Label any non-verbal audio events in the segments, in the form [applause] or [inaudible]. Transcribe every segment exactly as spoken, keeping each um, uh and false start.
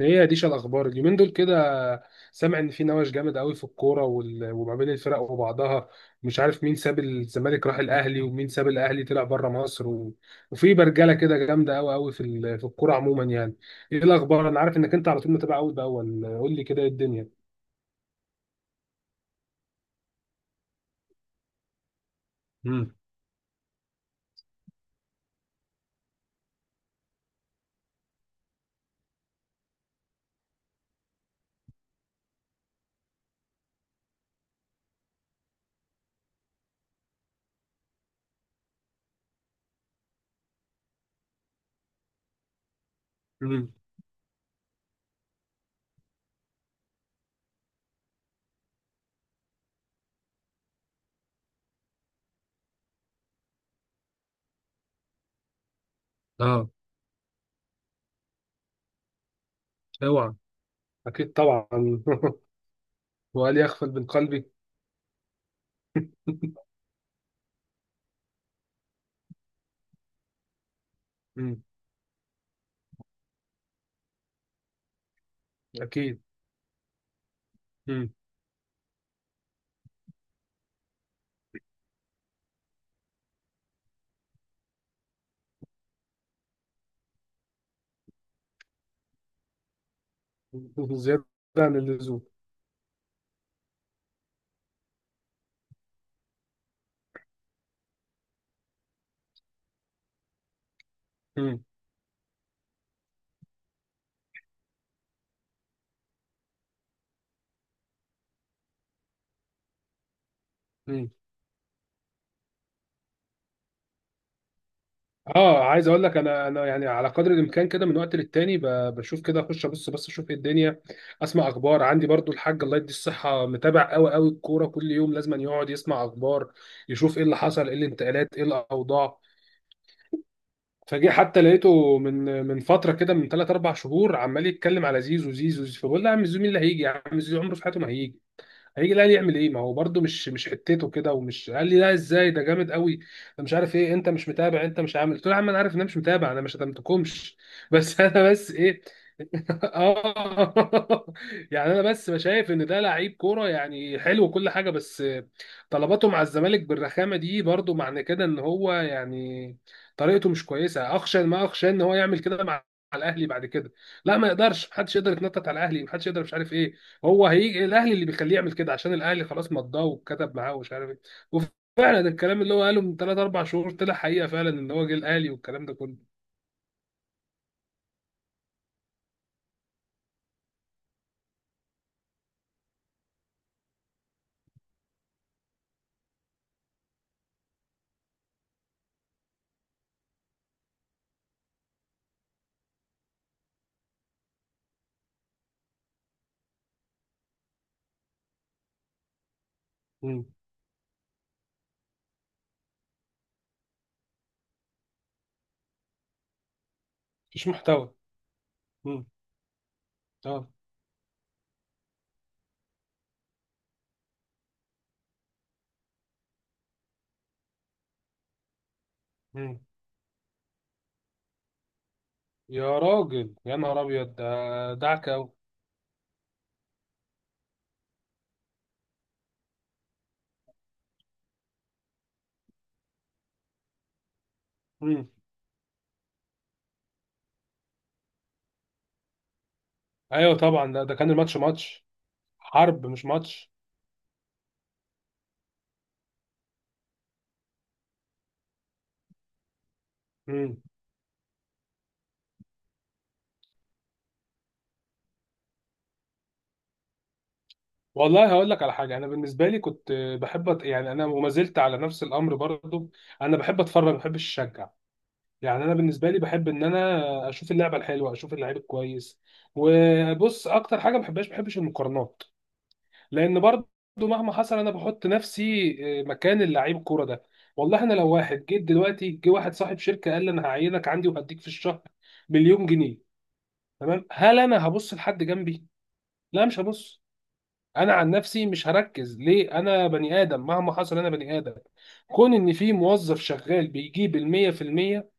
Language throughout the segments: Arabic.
هي ديش الاخبار اليومين دول كده. سامع ان في نوش جامد قوي في الكوره وال- وما بين الفرق وبعضها. مش عارف مين ساب الزمالك راح الاهلي ومين ساب الاهلي طلع بره مصر، و... وفي برجله كده جامده قوي قوي في ال- في الكوره عموما يعني. ايه الاخبار، انا عارف انك انت على طول متابع اول باول، قول لي كده ايه الدنيا. امم. امم. اه. اوعى. اكيد طبعا [laughs] وقال يغفل من قلبي. [laughs] مم. اكيد. مم. [laughs] زياده عن اللزوم. مم. اه عايز اقول لك، انا انا يعني على قدر الامكان كده من وقت للتاني ب- بشوف كده، اخش ابص بس اشوف ايه الدنيا، اسمع اخبار. عندي برضو الحاج الله يدي الصحه متابع قوي قوي الكوره، كل يوم لازم يقعد يسمع اخبار يشوف ايه اللي حصل، ايه الانتقالات، ايه الاوضاع. فجه حتى لقيته من من فتره كده من ثلاث اربع شهور عمال يتكلم على زيزو زيزو زيزو. فبقول له يا عم زيزو مين اللي هيجي، يا عم زيزو عمره في حياته ما هيجي، هيجي الاهلي يعمل ايه، ما هو برده مش مش حتته كده. ومش قال لي لا، ازاي ده جامد قوي، ده مش عارف ايه، انت مش متابع، انت مش عامل. قلت له يا عم انا عارف ان انا مش متابع، انا مش هدمتكمش [laughs] بس انا بس ايه. اه [laughs] يعني انا بس شايف ان ده لعيب كوره يعني حلو وكل حاجه، بس طلباته مع الزمالك بالرخامه دي برضو معنى كده ان هو يعني طريقته مش كويسه. اخشى ما اخشى ان هو يعمل كده مع مع الاهلي بعد كده. لا، ما يقدرش، محدش يقدر يتنطط على الاهلي، محدش يقدر، مش عارف ايه. هو هيجي الاهلي اللي بيخليه يعمل كده؟ عشان الاهلي خلاص مضاه وكتب معاه ومش عارف ايه. وفعلا ده الكلام اللي هو قاله من ثلاث اربعة شهور طلع حقيقه فعلا، ان هو جه الاهلي والكلام ده كله. مم. مش محتوى. مم. اه. يا راجل يا نهار ابيض، ده دعك قوي. ايوه طبعا، ده ده كان الماتش ماتش حرب مش ماتش. مم. والله هقول لك على حاجه، انا بالنسبه لي كنت بحب أت- يعني انا وما زلت على نفس الامر برضو، انا بحب اتفرج ما بحبش اشجع. يعني انا بالنسبه لي بحب ان انا اشوف اللعبه الحلوه، اشوف اللعيب الكويس. وبص اكتر حاجه ما بحبهاش، ما بحبش المقارنات، لان برضه مهما حصل انا بحط نفسي آه، مكان اللعيب الكوره ده. والله انا لو واحد، جيت دلوقتي جه واحد صاحب شركه قال لي انا هعينك عندي وهديك في الشهر مليون جنيه، تمام، هل انا هبص لحد جنبي؟ لا، مش هبص. انا عن نفسي مش هركز. ليه؟ انا بني ادم مهما حصل، انا بني ادم. كون ان في موظف شغال بيجيب المية في المية،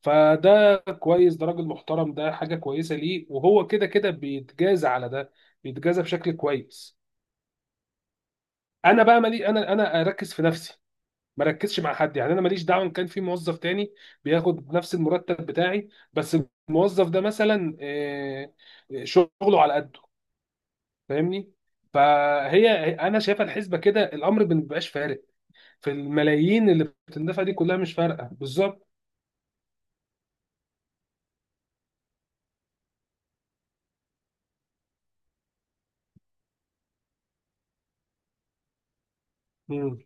فده كويس، ده راجل محترم، ده حاجة كويسة. ليه؟ وهو كده كده بيتجازى على ده، بيتجازى بشكل كويس. انا بقى مالي، انا انا اركز في نفسي، ما ركزش مع حد. يعني انا ماليش دعوه ان كان في موظف تاني بياخد نفس المرتب بتاعي، بس الموظف ده مثلا آه، آه، شغله على قده، فاهمني. فهي انا شايفه الحسبه كده، الامر ما بيبقاش فارق في الملايين اللي بتندفع دي كلها، مش فارقه بالظبط. امم.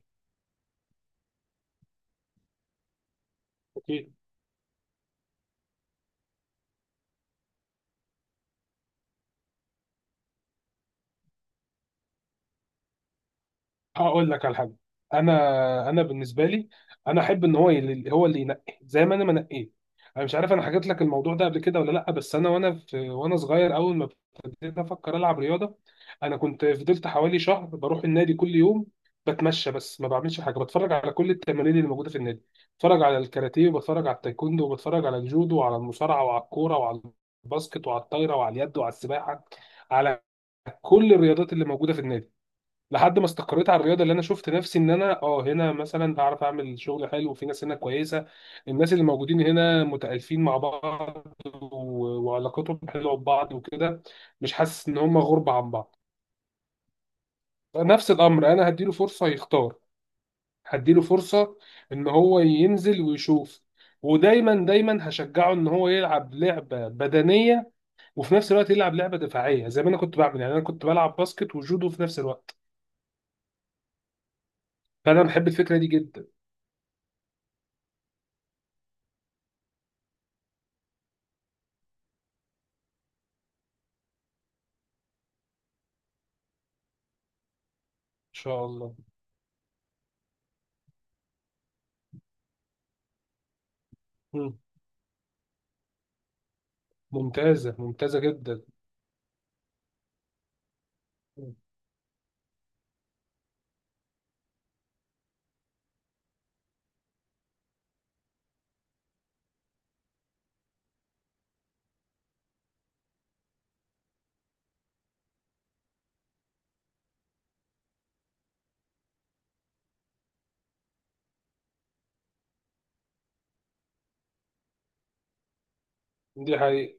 هقول لك على حاجه، انا انا بالنسبه لي انا احب ان هو يل- هو اللي ينقي، زي ما انا ما نقيت. انا مش عارف انا حكيت لك الموضوع ده قبل كده ولا لا، بس انا، وانا في وانا صغير، اول ما ابتديت افكر العب رياضه، انا كنت فضلت حوالي شهر بروح النادي كل يوم، بتمشى بس ما بعملش حاجه، بتفرج على كل التمارين اللي موجوده في النادي، بتفرج على الكاراتيه، وبتفرج على التايكوندو، وبتفرج على الجودو، وعلى المصارعه، وعلى الكوره، وعلى الباسكت، وعلى الطايره، وعلى اليد، وعلى السباحه، على كل الرياضات اللي موجوده في النادي، لحد ما استقريت على الرياضه اللي انا شفت نفسي ان انا اه هنا مثلا هعرف اعمل شغل حلو، في ناس هنا كويسه، الناس اللي موجودين هنا متالفين مع بعض، و- وعلاقتهم حلوه ببعض وكده، مش حاسس ان هم غربه عن بعض. نفس الامر، انا هديله فرصه يختار، هديله فرصه ان هو ينزل ويشوف. ودايما دايما هشجعه ان هو يلعب لعبه بدنيه، وفي نفس الوقت يلعب لعبه دفاعيه زي ما انا كنت بعمل، يعني انا كنت بلعب باسكت وجودو في نفس الوقت. فانا بحب الفكره دي جدا. ان شاء الله. ممتازة ممتازة جدا. دي حقيقة.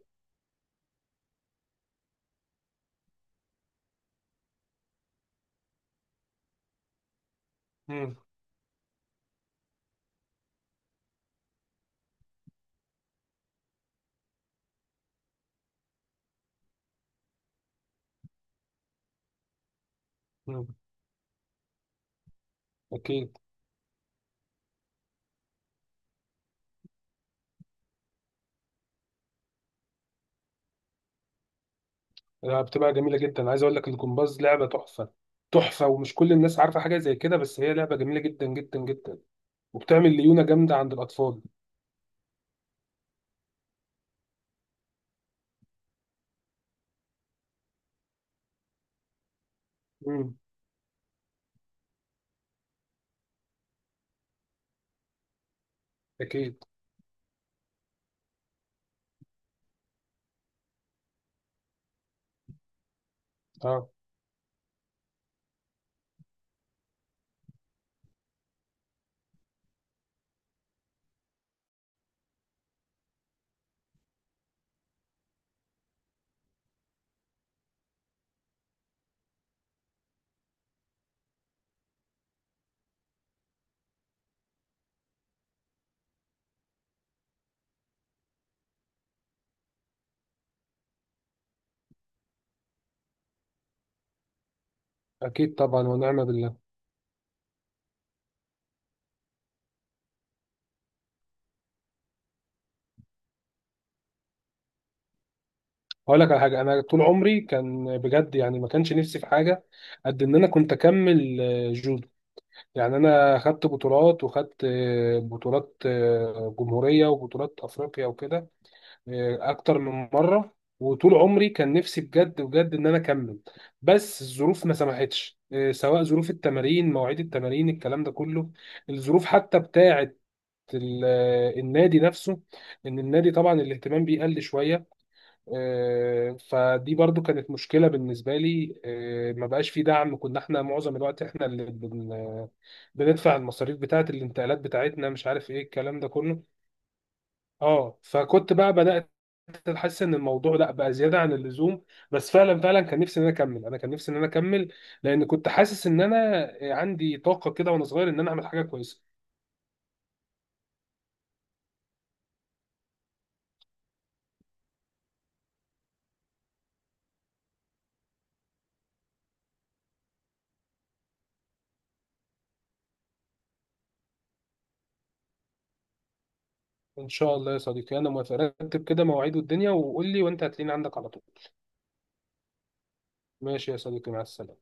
مم. مم. أكيد. لا، بتبقى جميلة جدا، عايز أقول لك الجمباز لعبة تحفة، تحفة، ومش كل الناس عارفة حاجة زي كده، بس هي لعبة جميلة جدا جدا جدا، وبتعمل ليونة جامدة عند الأطفال. مم. أكيد. أه. أكيد طبعا ونعم بالله. هقول لك على حاجة، أنا طول عمري كان بجد يعني ما كانش نفسي في حاجة قد إن أنا كنت أكمل آه، جودو. يعني أنا خدت بطولات، وخدت آه، بطولات آه، جمهورية، وبطولات أفريقيا وكده، اكتر من مره. وطول عمري كان نفسي بجد بجد ان انا اكمل، بس الظروف ما سمحتش، إيه، سواء ظروف التمارين، مواعيد التمارين، الكلام ده كله. الظروف حتى بتاعه ال- آه، النادي نفسه، ان النادي طبعا الاهتمام بيه قل شويه، إيه، فدي برضو كانت مشكله بالنسبه لي، إيه، ما بقاش في دعم. كنا احنا معظم الوقت احنا اللي بن- بندفع المصاريف بتاعه الانتقالات بتاعتنا، مش عارف ايه الكلام ده كله. اه فكنت بقى بدات احس ان الموضوع لا بقى زياده عن اللزوم. بس فعلا فعلا كان نفسي ان انا اكمل، انا كان نفسي ان انا اكمل، لان كنت حاسس ان انا عندي طاقه كده وانا صغير، ان انا اعمل حاجه كويسه. ان شاء الله يا صديقي، انا موافق، رتب كده مواعيد الدنيا وقول لي وانت هتلاقيني عندك على طول. ماشي يا صديقي، مع السلامه.